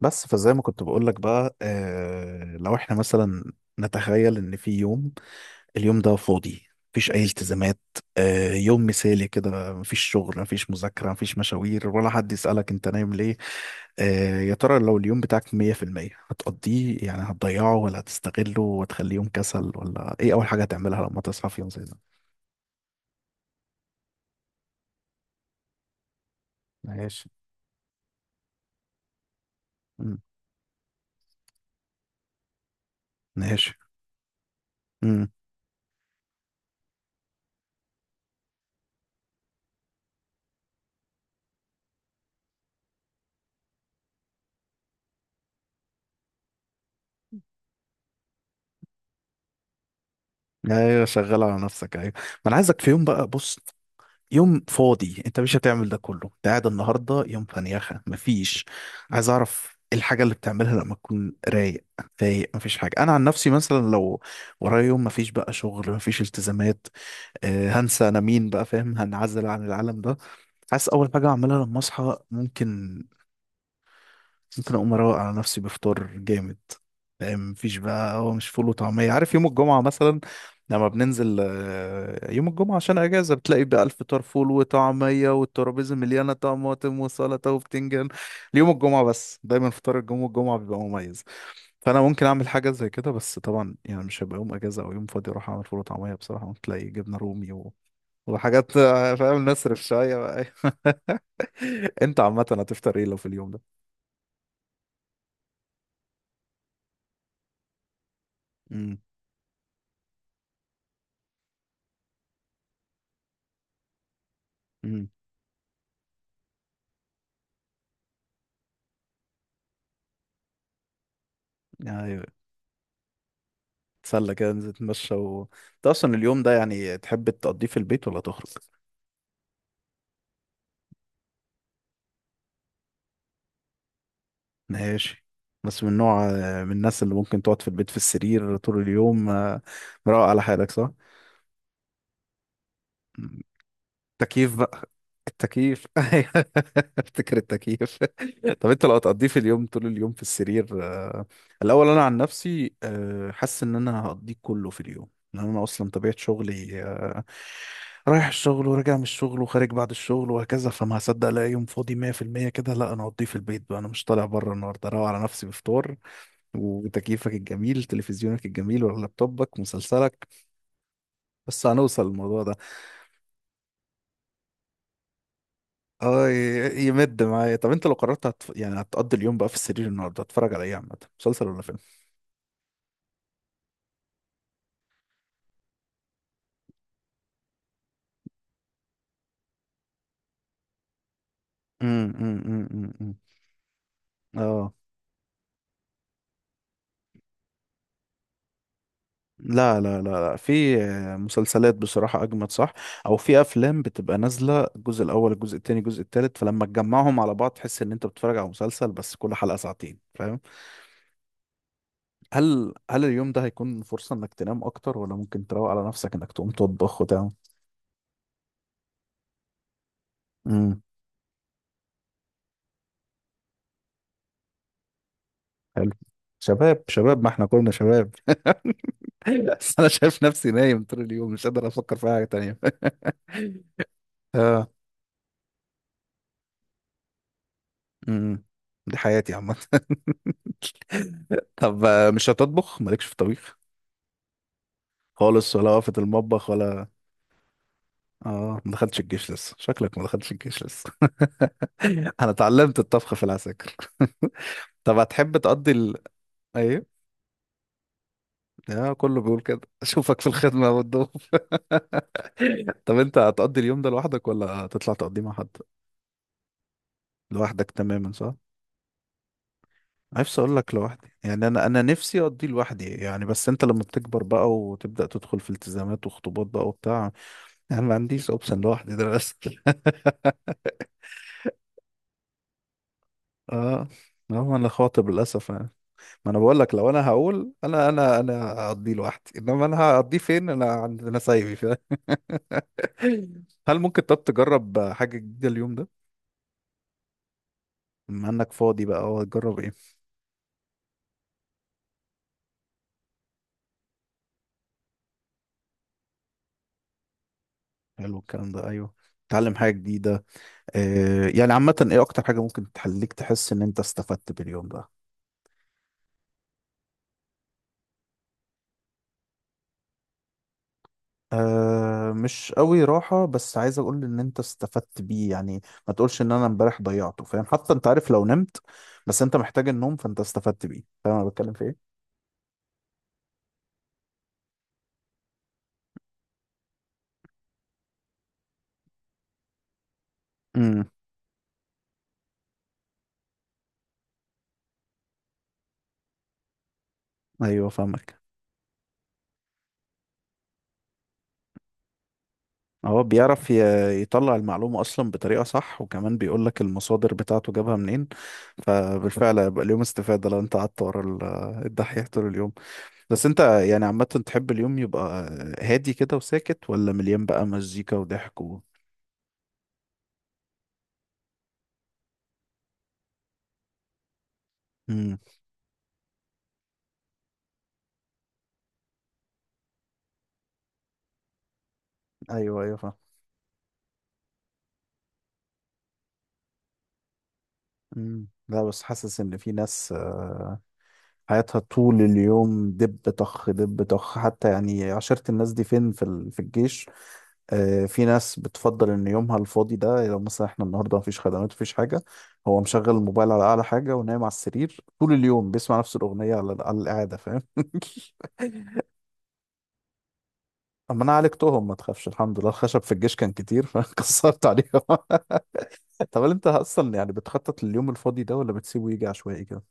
بس فزي ما كنت بقول لك بقى لو احنا مثلا نتخيل ان في يوم، اليوم ده فاضي، مفيش اي التزامات. يوم مثالي كده، مفيش شغل، مفيش مذاكرة، مفيش مشاوير، ولا حد يسألك انت نايم ليه؟ يا ترى لو اليوم بتاعك 100% هتقضيه، يعني هتضيعه ولا هتستغله وتخليه يوم كسل، ولا ايه اول حاجة هتعملها لما تصحى في يوم زي ده؟ ماشي. مم. ماشي. امم. ايوه، شغال على نفسك. ايوه، ما انا عايزك في يوم بقى، بص، يوم فاضي انت مش هتعمل ده كله، انت قاعد النهارده يوم فنيخه مفيش. عايز اعرف ايه الحاجه اللي بتعملها لما تكون رايق فايق مفيش حاجه. انا عن نفسي مثلا لو ورايا يوم مفيش بقى شغل، مفيش التزامات، هنسى انا مين بقى، فاهم، هنعزل عن العالم ده. حاسس اول حاجه اعملها لما اصحى ممكن، اقوم اروق على نفسي بفطار جامد، فاهم، مفيش بقى هو مش فول وطعميه. عارف يوم الجمعه مثلا لما بننزل، يوم الجمعه عشان اجازه، بتلاقي بقى الفطار فول وطعميه، والترابيزه مليانه طماطم وسلطه وبتنجان ليوم الجمعه بس. دايما فطار الجمعه، الجمعه بيبقى مميز، فانا ممكن اعمل حاجه زي كده. بس طبعا يعني مش هيبقى يوم اجازه او يوم فاضي اروح اعمل فول وطعميه، بصراحه ممكن تلاقي جبنه رومي و... وحاجات، فاهم، نصرف شويه بقى. انت عامه هتفطر ايه لو في اليوم ده؟ امم. ايوه. تسلى كده، ننزل نتمشى و... انت اصلا اليوم ده يعني تحب تقضيه في البيت ولا تخرج؟ ماشي. بس من نوع، من الناس اللي ممكن تقعد في البيت في السرير طول اليوم، مروق على حالك صح؟ تكييف بقى، التكييف أيوة. افتكر التكييف. طب انت لو هتقضيه في اليوم، طول اليوم في السرير، الاول انا عن نفسي، حاسس ان انا هقضيه كله في اليوم، لان انا اصلا طبيعه شغلي، رايح الشغل وراجع من الشغل وخارج بعد الشغل وهكذا، فما هصدق الاقي يوم فاضي 100% كده. لا، انا هقضيه في البيت بقى، انا مش طالع بره النهارده، اروق على نفسي بفطار وتكييفك الجميل، تلفزيونك الجميل، ولا لابتوبك مسلسلك. بس هنوصل للموضوع ده. اه، يمد معايا. طب انت لو قررت يعني هتقضي اليوم بقى في السرير النهارده، هتتفرج على ايه عامه، مسلسل ولا فيلم؟ امم. امم. امم. أمم، أمم. اه. لا لا لا لا، في مسلسلات بصراحة أجمد، صح، أو في أفلام بتبقى نازلة الجزء الأول، الجزء التاني، الجزء التالت، فلما تجمعهم على بعض تحس إن أنت بتتفرج على مسلسل بس كل حلقة ساعتين، فاهم. هل اليوم ده هيكون فرصة إنك تنام أكتر، ولا ممكن تروق على نفسك إنك تقوم تطبخ وتعمل؟ امم. حلو. شباب شباب، ما إحنا كلنا شباب. ايوه، بس انا شايف نفسي نايم طول اليوم، مش قادر افكر في حاجه تانية. اه. امم. دي حياتي عامه. طب، مش هتطبخ، مالكش في الطبيخ خالص، ولا وقفة المطبخ ولا؟ اه، ما دخلتش الجيش لسه، شكلك ما دخلتش الجيش لسه. انا اتعلمت الطبخ في العساكر. طب هتحب تقضي ال... ايه. اه، كله بيقول كده، اشوفك في الخدمه والضيوف. طب انت هتقضي اليوم ده لوحدك، ولا هتطلع تقضيه مع حد؟ لوحدك تماما صح؟ نفسي اقول لك لوحدي، يعني انا نفسي اقضي لوحدي يعني، بس انت لما بتكبر بقى وتبدا تدخل في التزامات وخطوبات بقى وبتاع، يعني ما عنديش اوبشن لوحدي ده للاسف. اه. هو انا خاطب للاسف يعني. ما انا بقول لك، لو انا هقول انا هقضيه لوحدي، انما انا هقضيه فين، انا عند انا سايبي، فاهم؟ هل ممكن، طب تجرب حاجه جديده اليوم ده، بما انك فاضي بقى، اه، تجرب ايه؟ حلو الكلام ده، ايوه، تتعلم حاجه جديده. يعني عامة ايه اكتر حاجة ممكن تخليك تحس ان انت استفدت باليوم ده؟ أه مش قوي راحة، بس عايز اقول ان انت استفدت بيه يعني، ما تقولش ان انا امبارح ضيعته، فاهم، حتى انت عارف لو نمت بس انت محتاج النوم فانت استفدت بيه، فاهم انا بتكلم في ايه؟ امم. ايوه فاهمك. هو بيعرف يطلع المعلومة اصلا بطريقة صح، وكمان بيقول لك المصادر بتاعته جابها منين، فبالفعل هيبقى اليوم استفادة لو انت قعدت ورا الدحيح طول اليوم. بس انت يعني عامة تحب اليوم يبقى هادي كده وساكت، ولا مليان بقى مزيكا وضحك و...؟ مم. ايوه ايوه فاهم. مم. لا، بس حاسس ان في ناس، حياتها طول اليوم دب طخ دب طخ، حتى يعني عشرة، الناس دي فين، في الجيش في ناس بتفضل ان يومها الفاضي ده، لو مثلا احنا النهارده مفيش خدمات، مفيش حاجه، هو مشغل الموبايل على اعلى حاجه، ونايم على السرير طول اليوم بيسمع نفس الاغنيه على القعده، فاهم. اما انا عالجتهم، ما تخافش، الحمد لله الخشب في الجيش كان كتير، فكسرت عليهم. طب هل انت اصلا يعني بتخطط لليوم الفاضي ده، ولا بتسيبه يجي عشوائي كده؟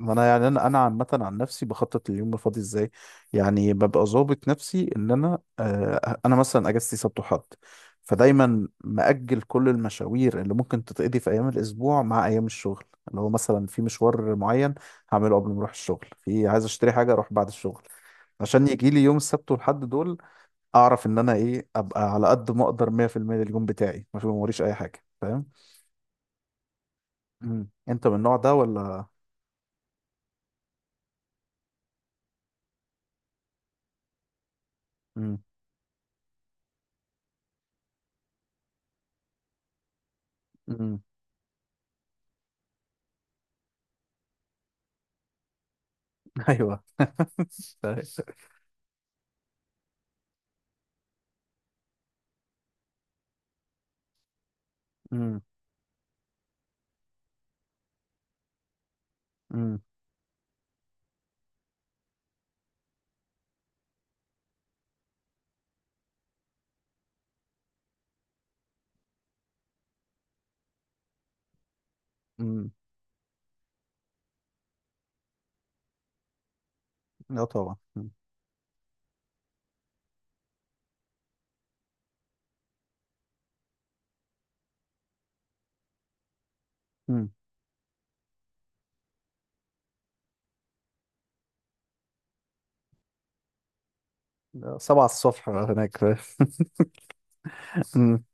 ما انا يعني، انا عامه عن نفسي بخطط لليوم الفاضي ازاي. يعني ببقى ظابط نفسي ان انا مثلا اجازتي سبت وحد، فدايما مأجل كل المشاوير اللي ممكن تتقضي في ايام الاسبوع مع ايام الشغل، اللي هو مثلا في مشوار معين هعمله قبل ما اروح الشغل، في عايز اشتري حاجه اروح بعد الشغل، عشان يجي لي يوم السبت والحد دول اعرف ان انا ايه، ابقى على قد ما اقدر 100% للجون بتاعي، ما في موريش اي حاجه، فاهم. مم. انت من النوع ده ولا؟ مم. مم. ايوه. مم. مم. مم. اه طبعا. مم. مم. ده سبعة الصبح هناك، فاهم. مم.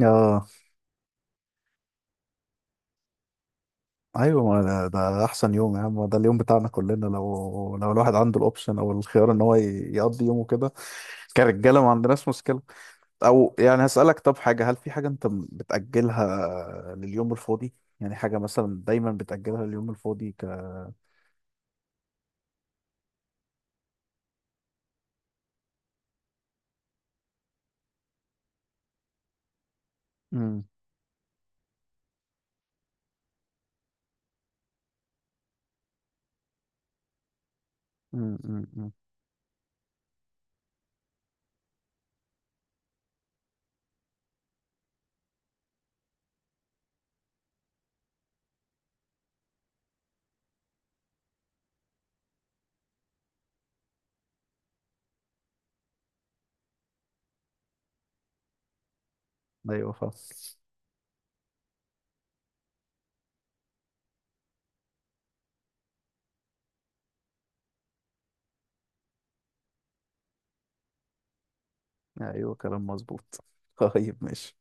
اه، ايوه، ما ده احسن يوم يا عم، ده اليوم بتاعنا كلنا، لو الواحد عنده الاوبشن او الخيار ان هو يقضي يومه كده كرجاله، ما عندناش مشكله. او يعني هسألك، طب حاجة، هل في حاجة انت بتأجلها لليوم الفاضي؟ يعني حاجة مثلا دايما بتأجلها لليوم الفاضي، ك... امم. امم. امم. أمم. ايوه فاهم. ايوه كلام مظبوط. طيب، ماشي.